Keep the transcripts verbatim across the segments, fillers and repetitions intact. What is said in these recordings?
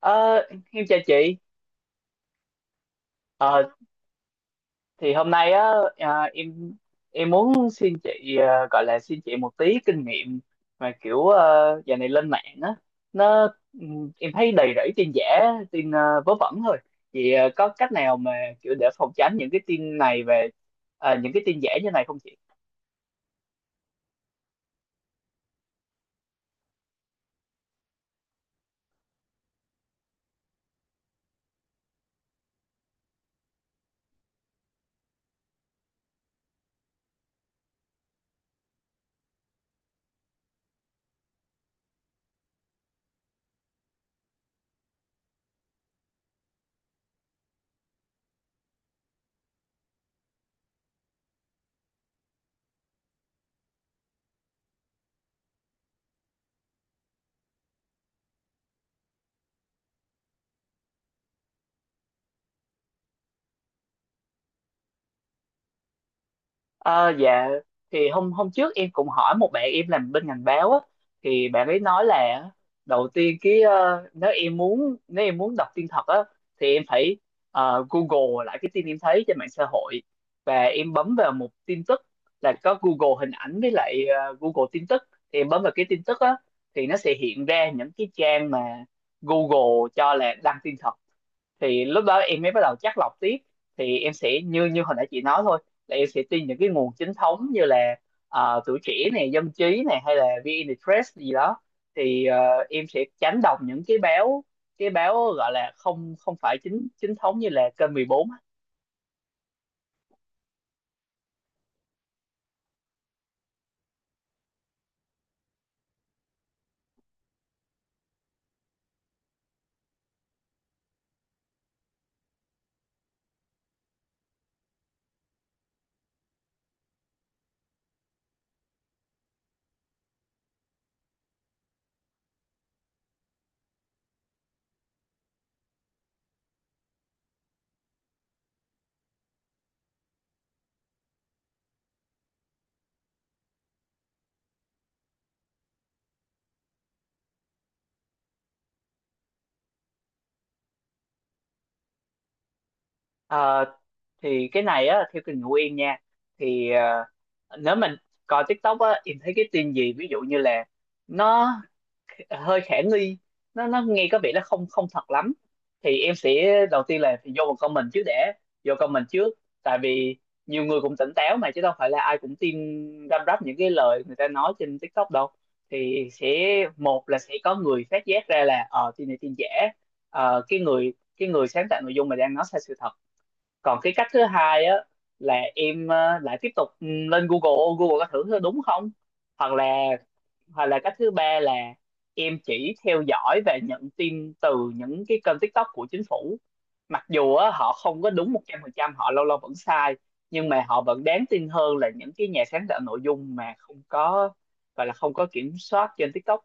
Ờ, em chào chị. Ờ, thì hôm nay á, à, em em muốn xin chị, à, gọi là xin chị một tí kinh nghiệm, mà kiểu à, giờ này lên mạng á, nó ừm, em thấy đầy rẫy tin giả, tin à, vớ vẩn thôi. Chị, à, có cách nào mà kiểu để phòng tránh những cái tin này, về à, những cái tin giả như này không chị? Ờ, dạ, thì hôm hôm trước em cũng hỏi một bạn em làm bên ngành báo á, thì bạn ấy nói là đầu tiên cái, ờ, nếu em muốn nếu em muốn đọc tin thật á thì em phải, ờ, Google lại cái tin em thấy trên mạng xã hội, và em bấm vào một tin tức là có Google hình ảnh với lại ờ, Google tin tức. Thì em bấm vào cái tin tức á thì nó sẽ hiện ra những cái trang mà Google cho là đăng tin thật, thì lúc đó em mới bắt đầu chắt lọc tiếp. Thì em sẽ như như hồi nãy chị nói thôi, là em sẽ tin những cái nguồn chính thống như là ờ, tuổi trẻ này, dân trí này, hay là VnExpress gì đó. Thì ờ, em sẽ tránh đọc những cái báo, cái báo gọi là không không phải chính chính thống như là kênh mười bốn. Ờ, thì cái này á, theo kinh nghiệm của em nha, thì ờ, nếu mình coi TikTok á, em thấy cái tin gì ví dụ như là nó hơi khả nghi, nó nó nghe có vẻ nó không không thật lắm, thì em sẽ, đầu tiên là vô một comment trước để, vô comment trước tại vì nhiều người cũng tỉnh táo mà, chứ đâu phải là ai cũng tin răm rắp những cái lời người ta nói trên TikTok đâu. Thì sẽ, một là sẽ có người phát giác ra là, ờ tin này tin giả, ờ, cái người cái người sáng tạo nội dung mà đang nói sai sự thật. Còn cái cách thứ hai á, là em ờ, lại tiếp tục, ừ, lên Google, Google có thử đúng không, hoặc là, hoặc là cách thứ ba là em chỉ theo dõi và nhận tin từ những cái kênh TikTok của chính phủ. Mặc dù á, họ không có đúng một trăm phần trăm, họ lâu lâu vẫn sai, nhưng mà họ vẫn đáng tin hơn là những cái nhà sáng tạo nội dung mà không có, gọi là không có kiểm soát trên TikTok.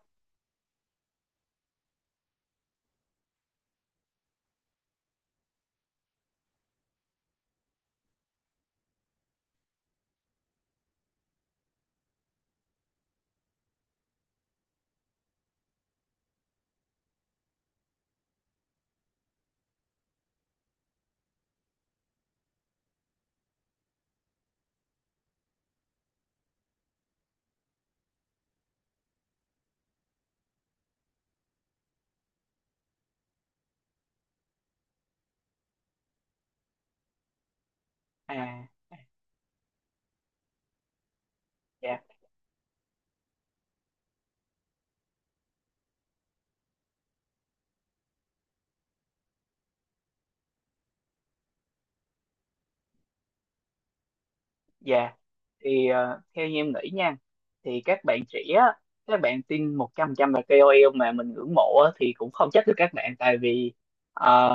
À, à, dạ, dạ, thì ờ, theo như em nghĩ nha, thì các bạn trẻ á, các bạn tin một trăm phần trăm là ca o lờ mà mình ngưỡng mộ á, thì cũng không trách được các bạn, tại vì ờ,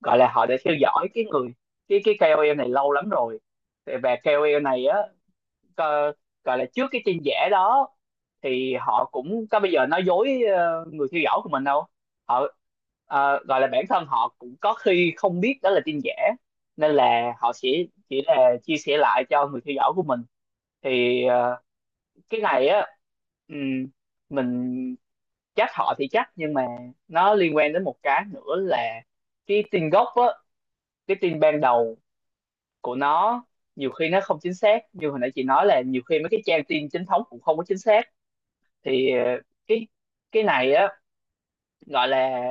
gọi là họ đã theo dõi cái người, cái cái kay âu eo này lâu lắm rồi. Thì- và ca o lờ này á, co- gọi là trước cái tin giả đó thì họ cũng có bây giờ nói dối ờ, người theo dõi của mình đâu. Họ, ờ, gọi là bản thân họ cũng có khi không biết đó là tin giả, nên là họ sẽ chỉ là chia sẻ lại cho người theo dõi của mình. Thì ờ, cái này á, ừm, mình trách họ thì trách, nhưng mà nó liên quan đến một cái nữa là cái tin gốc á cái tin ban đầu của nó. Nhiều khi nó không chính xác, như hồi nãy chị nói là nhiều khi mấy cái trang tin chính thống cũng không có chính xác. Thì ờ, cái cái này á, gọi là,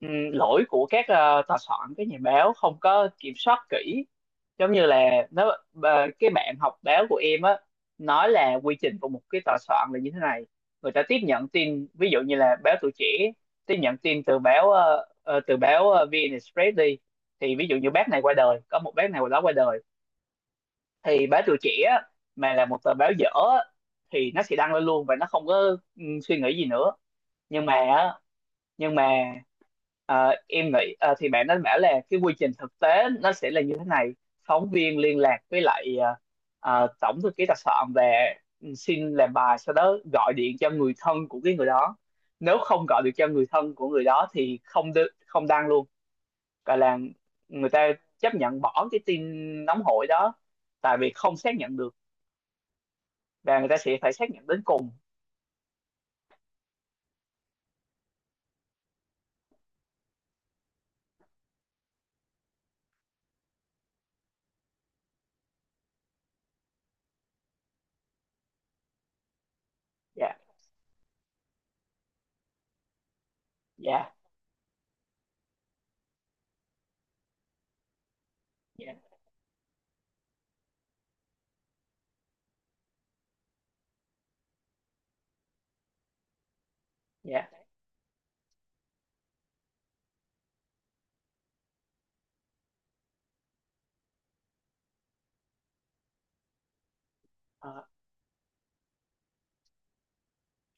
ừm, lỗi của các, ờ, tòa soạn, các nhà báo không có kiểm soát kỹ, giống như là nó ờ, cái bạn học báo của em á nói là quy trình của một cái tòa soạn là như thế này: người ta tiếp nhận tin, ví dụ như là báo Tuổi Trẻ tiếp nhận tin từ báo, ờ, ờ, từ báo ờ, vê en Express đi. Thì ví dụ như bác này qua đời, có một bác này qua đó qua đời, thì báo Tuổi Trẻ á, mà là một tờ báo dở á, thì nó sẽ đăng lên luôn, và nó không có ừ, suy nghĩ gì nữa. nhưng mà á, nhưng mà ờ, em nghĩ, ờ, thì bạn đã bảo là cái quy trình thực tế nó sẽ là như thế này: phóng viên liên lạc với lại ờ, ờ, tổng thư ký đặc soạn, và ừ, xin làm bài, sau đó gọi điện cho người thân của cái người đó. Nếu không gọi được cho người thân của người đó thì không đ- không đăng luôn, gọi là người ta chấp nhận bỏ cái tin nóng hổi đó, tại vì không xác nhận được, và người ta sẽ phải xác nhận đến cùng. Dạ, dạ, dạ, dạ. Ờ,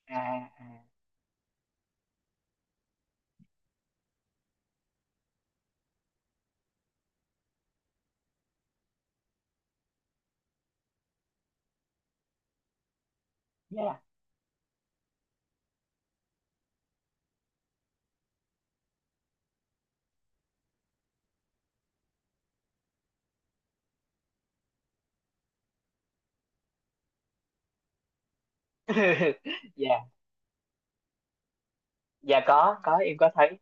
à, à, dạ. Dạ, dạ, có có em có thấy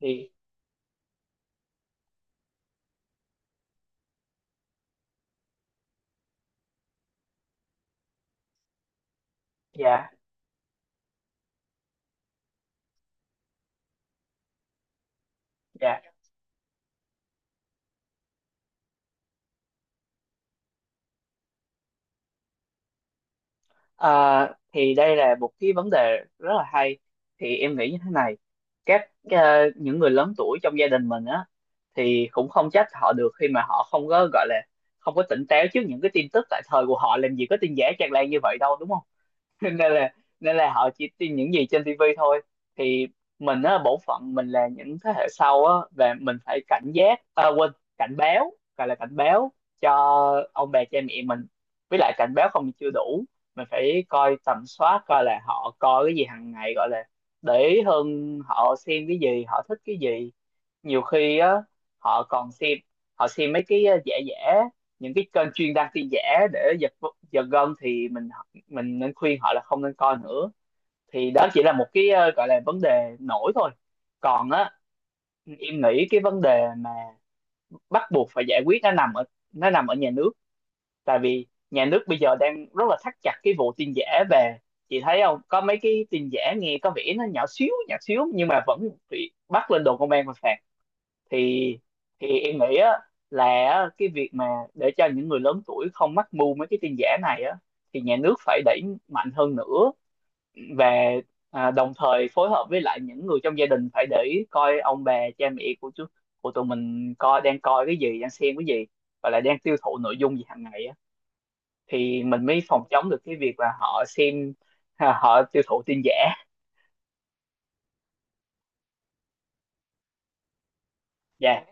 thì dạ, dạ. Ờ, thì đây là một cái vấn đề rất là hay, thì em nghĩ như thế này: các ờ, những người lớn tuổi trong gia đình mình á thì cũng không trách họ được, khi mà họ không có, gọi là không có tỉnh táo trước những cái tin tức. Tại thời của họ làm gì có tin giả tràn lan như vậy đâu, đúng không? Nên là, nên là họ chỉ tin những gì trên tivi thôi. Thì mình á, bổn phận mình là những thế hệ sau á, và mình phải cảnh giác, à, quên, cảnh báo, gọi là cảnh báo cho ông bà cha mẹ mình. Với lại cảnh báo không chưa đủ, mình phải coi tầm soát coi là họ coi cái gì hàng ngày, gọi là để ý hơn, họ xem cái gì, họ thích cái gì. Nhiều khi á họ còn xem họ xem mấy cái ờ, giả giả, những cái kênh chuyên đăng tin giả để giật giật gân, thì mình mình nên khuyên họ là không nên coi nữa. Thì đó chỉ là một cái, ờ, gọi là vấn đề nổi thôi. Còn á, em nghĩ cái vấn đề mà bắt buộc phải giải quyết nó nằm ở nó nằm ở nhà nước. Tại vì nhà nước bây giờ đang rất là thắt chặt cái vụ tin giả, về, chị thấy không, có mấy cái tin giả nghe có vẻ nó nhỏ xíu nhỏ xíu, nhưng mà vẫn bị bắt lên đồn công an và phạt. Thì thì em nghĩ á, là á, cái việc mà để cho những người lớn tuổi không mắc mưu mấy cái tin giả này á, thì nhà nước phải đẩy mạnh hơn nữa. Và à, đồng thời phối hợp với lại những người trong gia đình, phải để ý coi ông bà cha mẹ của chú, của tụi mình, coi đang coi cái gì, đang xem cái gì, và lại đang tiêu thụ nội dung gì hàng ngày á, thì mình mới phòng chống được cái việc là họ xem, à, họ tiêu thụ tin giả. Dạ,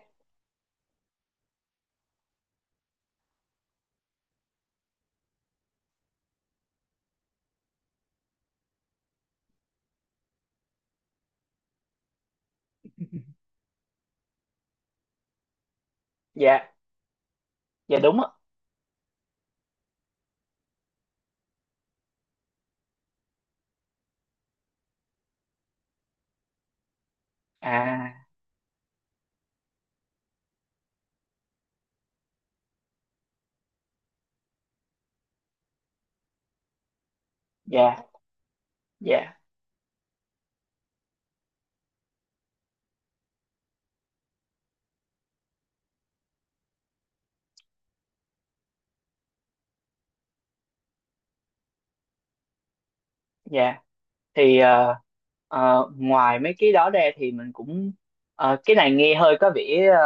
dạ, dạ, đúng á. À, dạ, dạ, dạ, thì ờ, ờ, ngoài mấy cái đó ra thì mình cũng, ờ, cái này nghe hơi có vẻ ờ,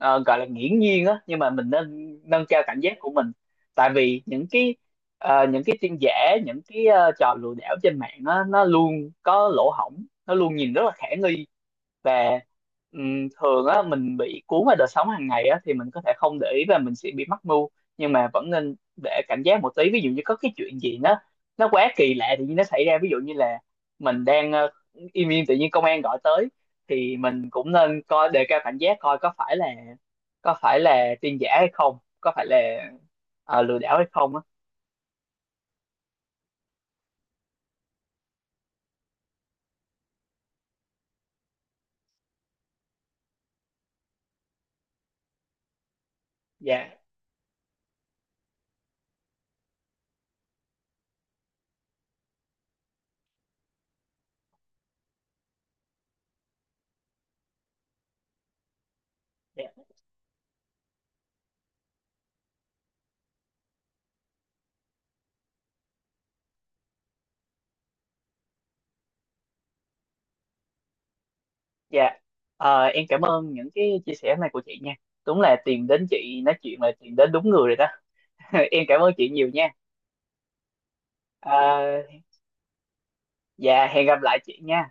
ờ, gọi là nghiễm nhiên á, nhưng mà mình nên nâng cao cảnh giác của mình. Tại vì những cái ờ, những cái tin giả, những cái ờ, trò lừa đảo trên mạng á, nó luôn có lỗ hổng, nó luôn nhìn rất là khả nghi. Và ừm, thường á mình bị cuốn vào đời sống hàng ngày á, thì mình có thể không để ý và mình sẽ bị mắc mưu. Nhưng mà vẫn nên để cảnh giác một tí, ví dụ như có cái chuyện gì nó nó quá kỳ lạ tự nhiên nó xảy ra. Ví dụ như là mình đang ờ, im im, tự nhiên công an gọi tới, thì mình cũng nên coi đề cao cảnh giác coi có phải là, có phải là tin giả hay không, có phải là ờ, lừa đảo hay không á. Dạ, dạ, dạ. Ờ, em cảm ơn những cái chia sẻ này của chị nha, đúng là tìm đến chị nói chuyện là tìm đến đúng người rồi đó. Em cảm ơn chị nhiều nha. Ờ, dạ, hẹn gặp lại chị nha.